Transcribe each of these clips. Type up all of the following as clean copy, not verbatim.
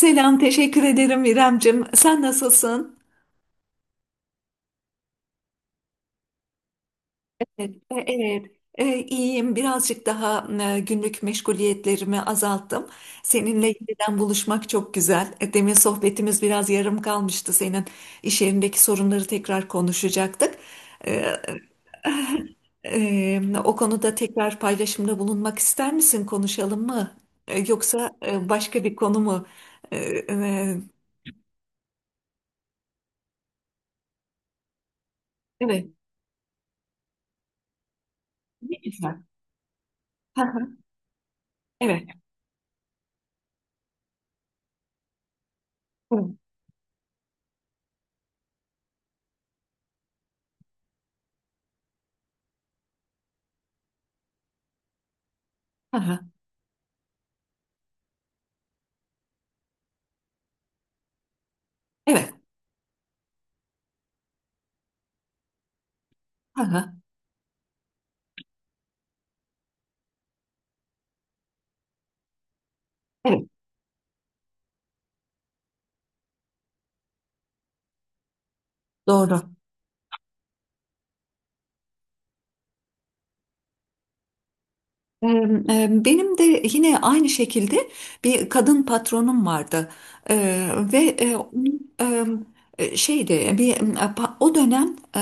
Selam, teşekkür ederim İremcim. Sen nasılsın? Evet, evet. İyiyim. Birazcık daha günlük meşguliyetlerimi azalttım. Seninle yeniden buluşmak çok güzel. Demin sohbetimiz biraz yarım kalmıştı. Senin iş yerindeki sorunları tekrar konuşacaktık. E, O konuda tekrar paylaşımda bulunmak ister misin? Konuşalım mı? Yoksa başka bir konu mu? E, e, evet. Ne güzel. Evet. Evet. Evet. Hı hı. Evet. Hı hı. Evet, doğru. Benim de yine aynı şekilde bir kadın patronum vardı. Ve onun, şeydi bir o dönem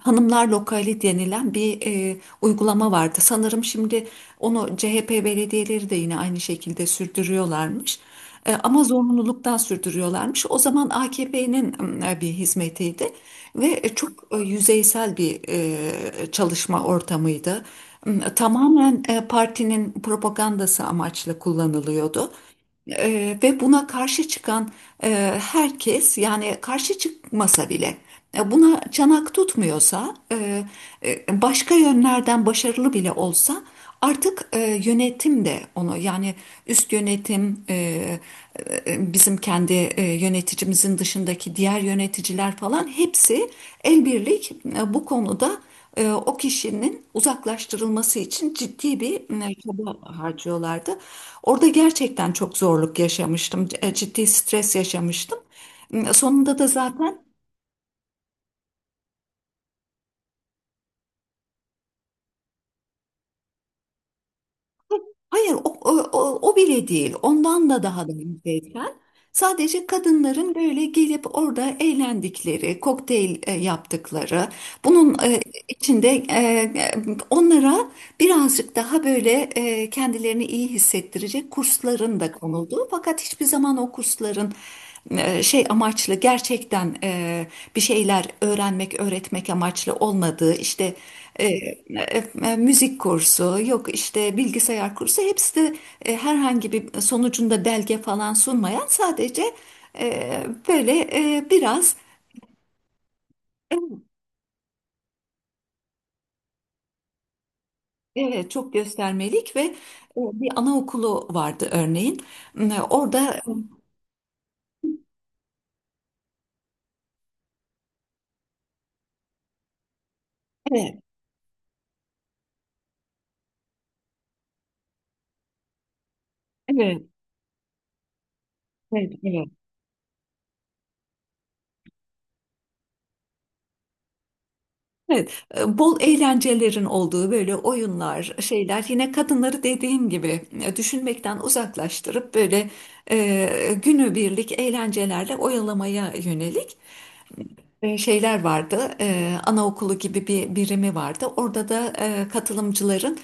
hanımlar lokali denilen bir uygulama vardı. Sanırım şimdi onu CHP belediyeleri de yine aynı şekilde sürdürüyorlarmış. Ama zorunluluktan sürdürüyorlarmış. O zaman AKP'nin bir hizmetiydi ve çok yüzeysel bir çalışma ortamıydı. Tamamen partinin propagandası amaçlı kullanılıyordu. Ve buna karşı çıkan herkes, yani karşı çıkmasa bile buna çanak tutmuyorsa, başka yönlerden başarılı bile olsa artık yönetim de onu, yani üst yönetim, bizim kendi yöneticimizin dışındaki diğer yöneticiler falan hepsi el birlik bu konuda o kişinin uzaklaştırılması için ciddi bir çaba harcıyorlardı. Orada gerçekten çok zorluk yaşamıştım, ciddi stres yaşamıştım. Sonunda da zaten. Hayır, o bile değil. Ondan da daha da yüzeysel. Sadece kadınların böyle gelip orada eğlendikleri, kokteyl yaptıkları, bunun içinde, onlara birazcık daha böyle kendilerini iyi hissettirecek kursların da konulduğu. Fakat hiçbir zaman o kursların şey amaçlı, gerçekten bir şeyler öğrenmek, öğretmek amaçlı olmadığı, işte e, e, müzik kursu, yok işte bilgisayar kursu, hepsi de herhangi bir sonucunda belge falan sunmayan, sadece e, böyle biraz. Evet, çok göstermelik ve bir anaokulu vardı örneğin. Orada. Evet, evet, evet, evet. Evet, bol eğlencelerin olduğu böyle oyunlar, şeyler, yine kadınları, dediğim gibi, düşünmekten uzaklaştırıp böyle günübirlik eğlencelerle oyalamaya yönelik şeyler vardı. Anaokulu gibi bir birimi vardı. Orada da katılımcıların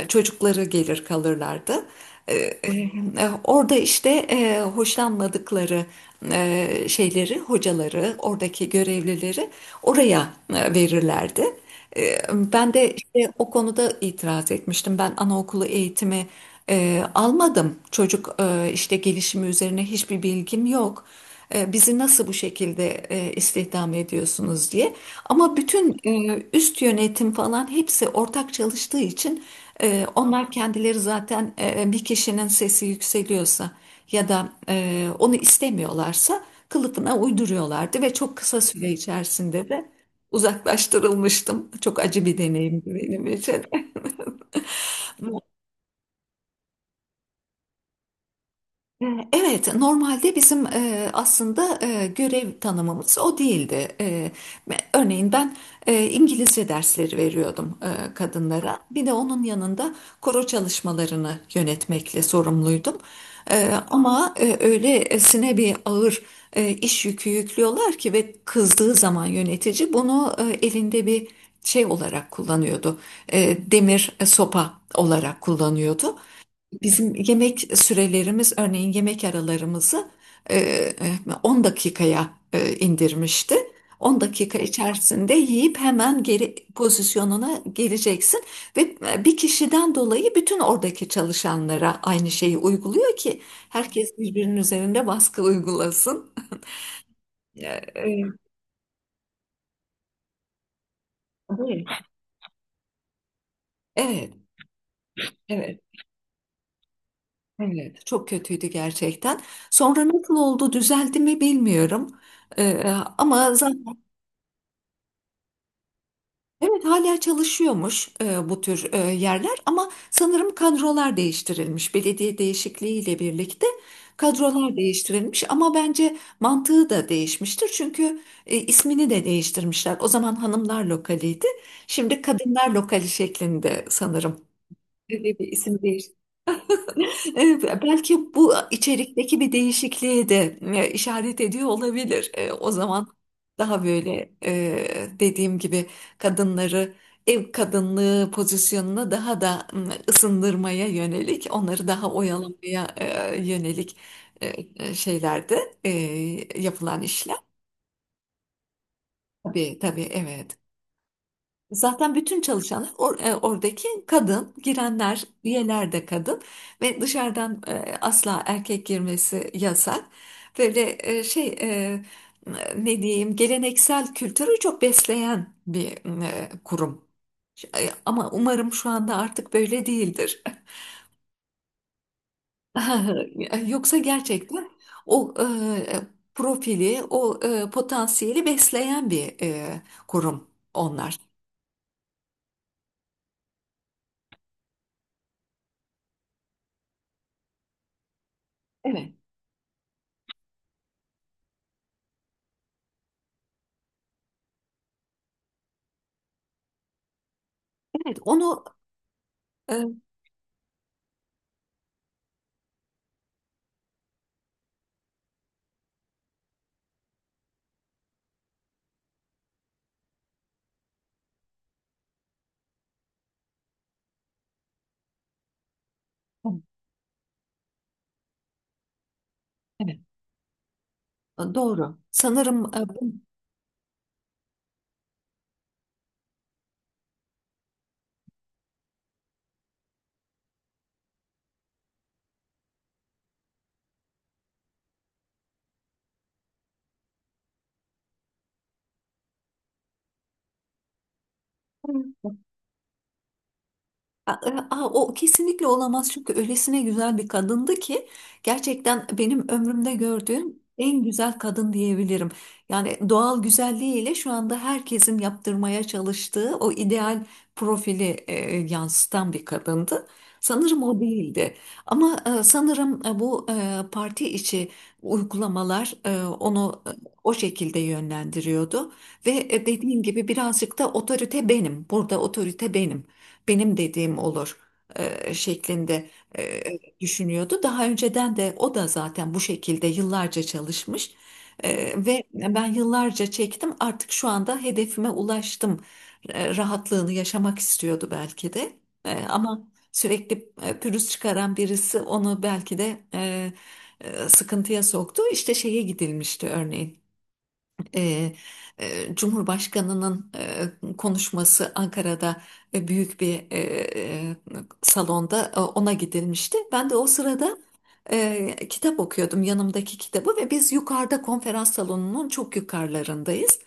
çocukları gelir kalırlardı. E, e, Orada işte hoşlanmadıkları şeyleri, hocaları, oradaki görevlileri oraya verirlerdi. Ee, Ben de işte o konuda itiraz etmiştim. Ben anaokulu eğitimi almadım. Çocuk işte gelişimi üzerine hiçbir bilgim yok. Bizi nasıl bu şekilde istihdam ediyorsunuz diye. Ama bütün üst yönetim falan hepsi ortak çalıştığı için onlar kendileri zaten, bir kişinin sesi yükseliyorsa ya da onu istemiyorlarsa, kılıfına uyduruyorlardı ve çok kısa süre içerisinde de uzaklaştırılmıştım. Çok acı bir deneyimdi benim için. E, Evet, normalde bizim aslında görev tanımımız o değildi. Örneğin ben İngilizce dersleri veriyordum kadınlara. Bir de onun yanında koro çalışmalarını yönetmekle sorumluydum. Ama öylesine bir ağır iş yükü yüklüyorlar ki, ve kızdığı zaman yönetici bunu elinde bir şey olarak kullanıyordu. Demir sopa olarak kullanıyordu. Bizim yemek sürelerimiz, örneğin yemek aralarımızı, e, e, 10 dakikaya indirmişti. 10 dakika içerisinde yiyip hemen geri pozisyonuna geleceksin, ve bir kişiden dolayı bütün oradaki çalışanlara aynı şeyi uyguluyor ki herkes birbirinin üzerinde baskı uygulasın. E, e, Değil. Evet, evet, evet. Çok kötüydü gerçekten. Sonra nasıl oldu, düzeldi mi bilmiyorum. E, ama. Evet, hala çalışıyormuş bu tür yerler, ama sanırım kadrolar değiştirilmiş. Belediye değişikliğiyle birlikte kadrolar değiştirilmiş, ama bence mantığı da değişmiştir. Çünkü ismini de değiştirmişler. O zaman hanımlar lokaliydi. Şimdi kadınlar lokali şeklinde sanırım. Böyle bir isim değişti. Belki bu, içerikteki bir değişikliğe de işaret ediyor olabilir. O zaman daha böyle, dediğim gibi, kadınları ev kadınlığı pozisyonuna daha da ısındırmaya yönelik, onları daha oyalamaya yönelik e, şeylerde yapılan işler. Tabii tabii, evet. Zaten bütün çalışanlar, oradaki kadın, girenler, üyeler de kadın, ve dışarıdan asla erkek girmesi yasak. Böyle şey, ne diyeyim, geleneksel kültürü çok besleyen bir kurum. Ama umarım şu anda artık böyle değildir. Yoksa gerçekten o profili, o potansiyeli besleyen bir kurum onlar. Evet, evet, onu e, evet, doğru. Sanırım Aa, o kesinlikle olamaz, çünkü öylesine güzel bir kadındı ki gerçekten benim ömrümde gördüğüm en güzel kadın diyebilirim. Yani doğal güzelliğiyle şu anda herkesin yaptırmaya çalıştığı o ideal profili yansıtan bir kadındı. Sanırım o değildi. Ama sanırım bu parti içi uygulamalar onu o şekilde yönlendiriyordu. Ve dediğim gibi, birazcık da otorite benim. Burada otorite benim, benim dediğim olur şeklinde e, düşünüyordu. Daha önceden de o da zaten bu şekilde yıllarca çalışmış. Ve ben yıllarca çektim, artık şu anda hedefime ulaştım. Rahatlığını yaşamak istiyordu belki de. Ama sürekli pürüz çıkaran birisi onu belki de sıkıntıya soktu. İşte şeye gidilmişti örneğin. E, Cumhurbaşkanının konuşması, Ankara'da büyük bir e, salonda ona gidilmişti. Ben de o sırada kitap okuyordum, yanımdaki kitabı, ve biz yukarıda, konferans salonunun çok yukarılarındayız.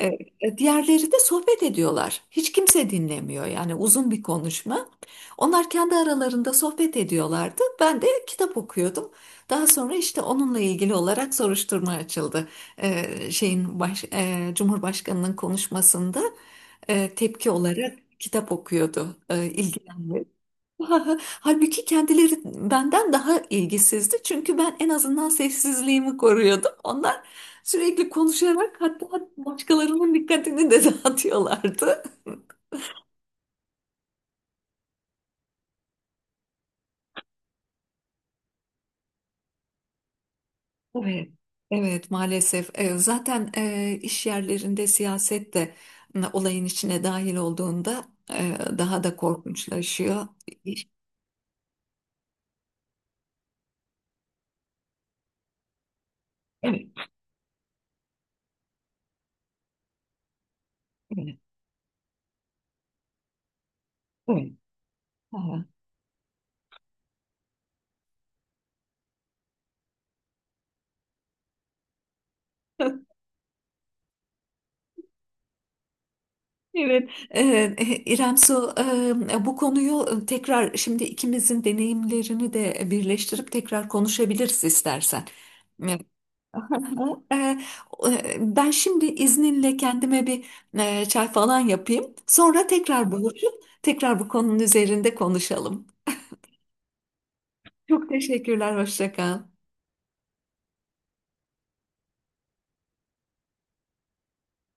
E, Diğerleri de sohbet ediyorlar. Hiç kimse dinlemiyor, yani uzun bir konuşma. Onlar kendi aralarında sohbet ediyorlardı. Ben de kitap okuyordum. Daha sonra işte onunla ilgili olarak soruşturma açıldı. Cumhurbaşkanının konuşmasında tepki olarak kitap okuyordu ilgilenenler. Halbuki kendileri benden daha ilgisizdi. Çünkü ben en azından sessizliğimi koruyordum. Onlar sürekli konuşarak, hatta başkalarının dikkatini de dağıtıyorlardı. Evet, evet, maalesef. Zaten iş yerlerinde siyaset de olayın içine dahil olduğunda daha da korkunçlaşıyor. İş- Evet, evet, evet. Aha. Evet, İrem Su, bu konuyu tekrar, şimdi ikimizin deneyimlerini de birleştirip, tekrar konuşabiliriz istersen. Eee, eee, Ben şimdi izninle kendime bir çay falan yapayım. Sonra tekrar buluşup tekrar bu konunun üzerinde konuşalım. Çok teşekkürler, hoşça kal.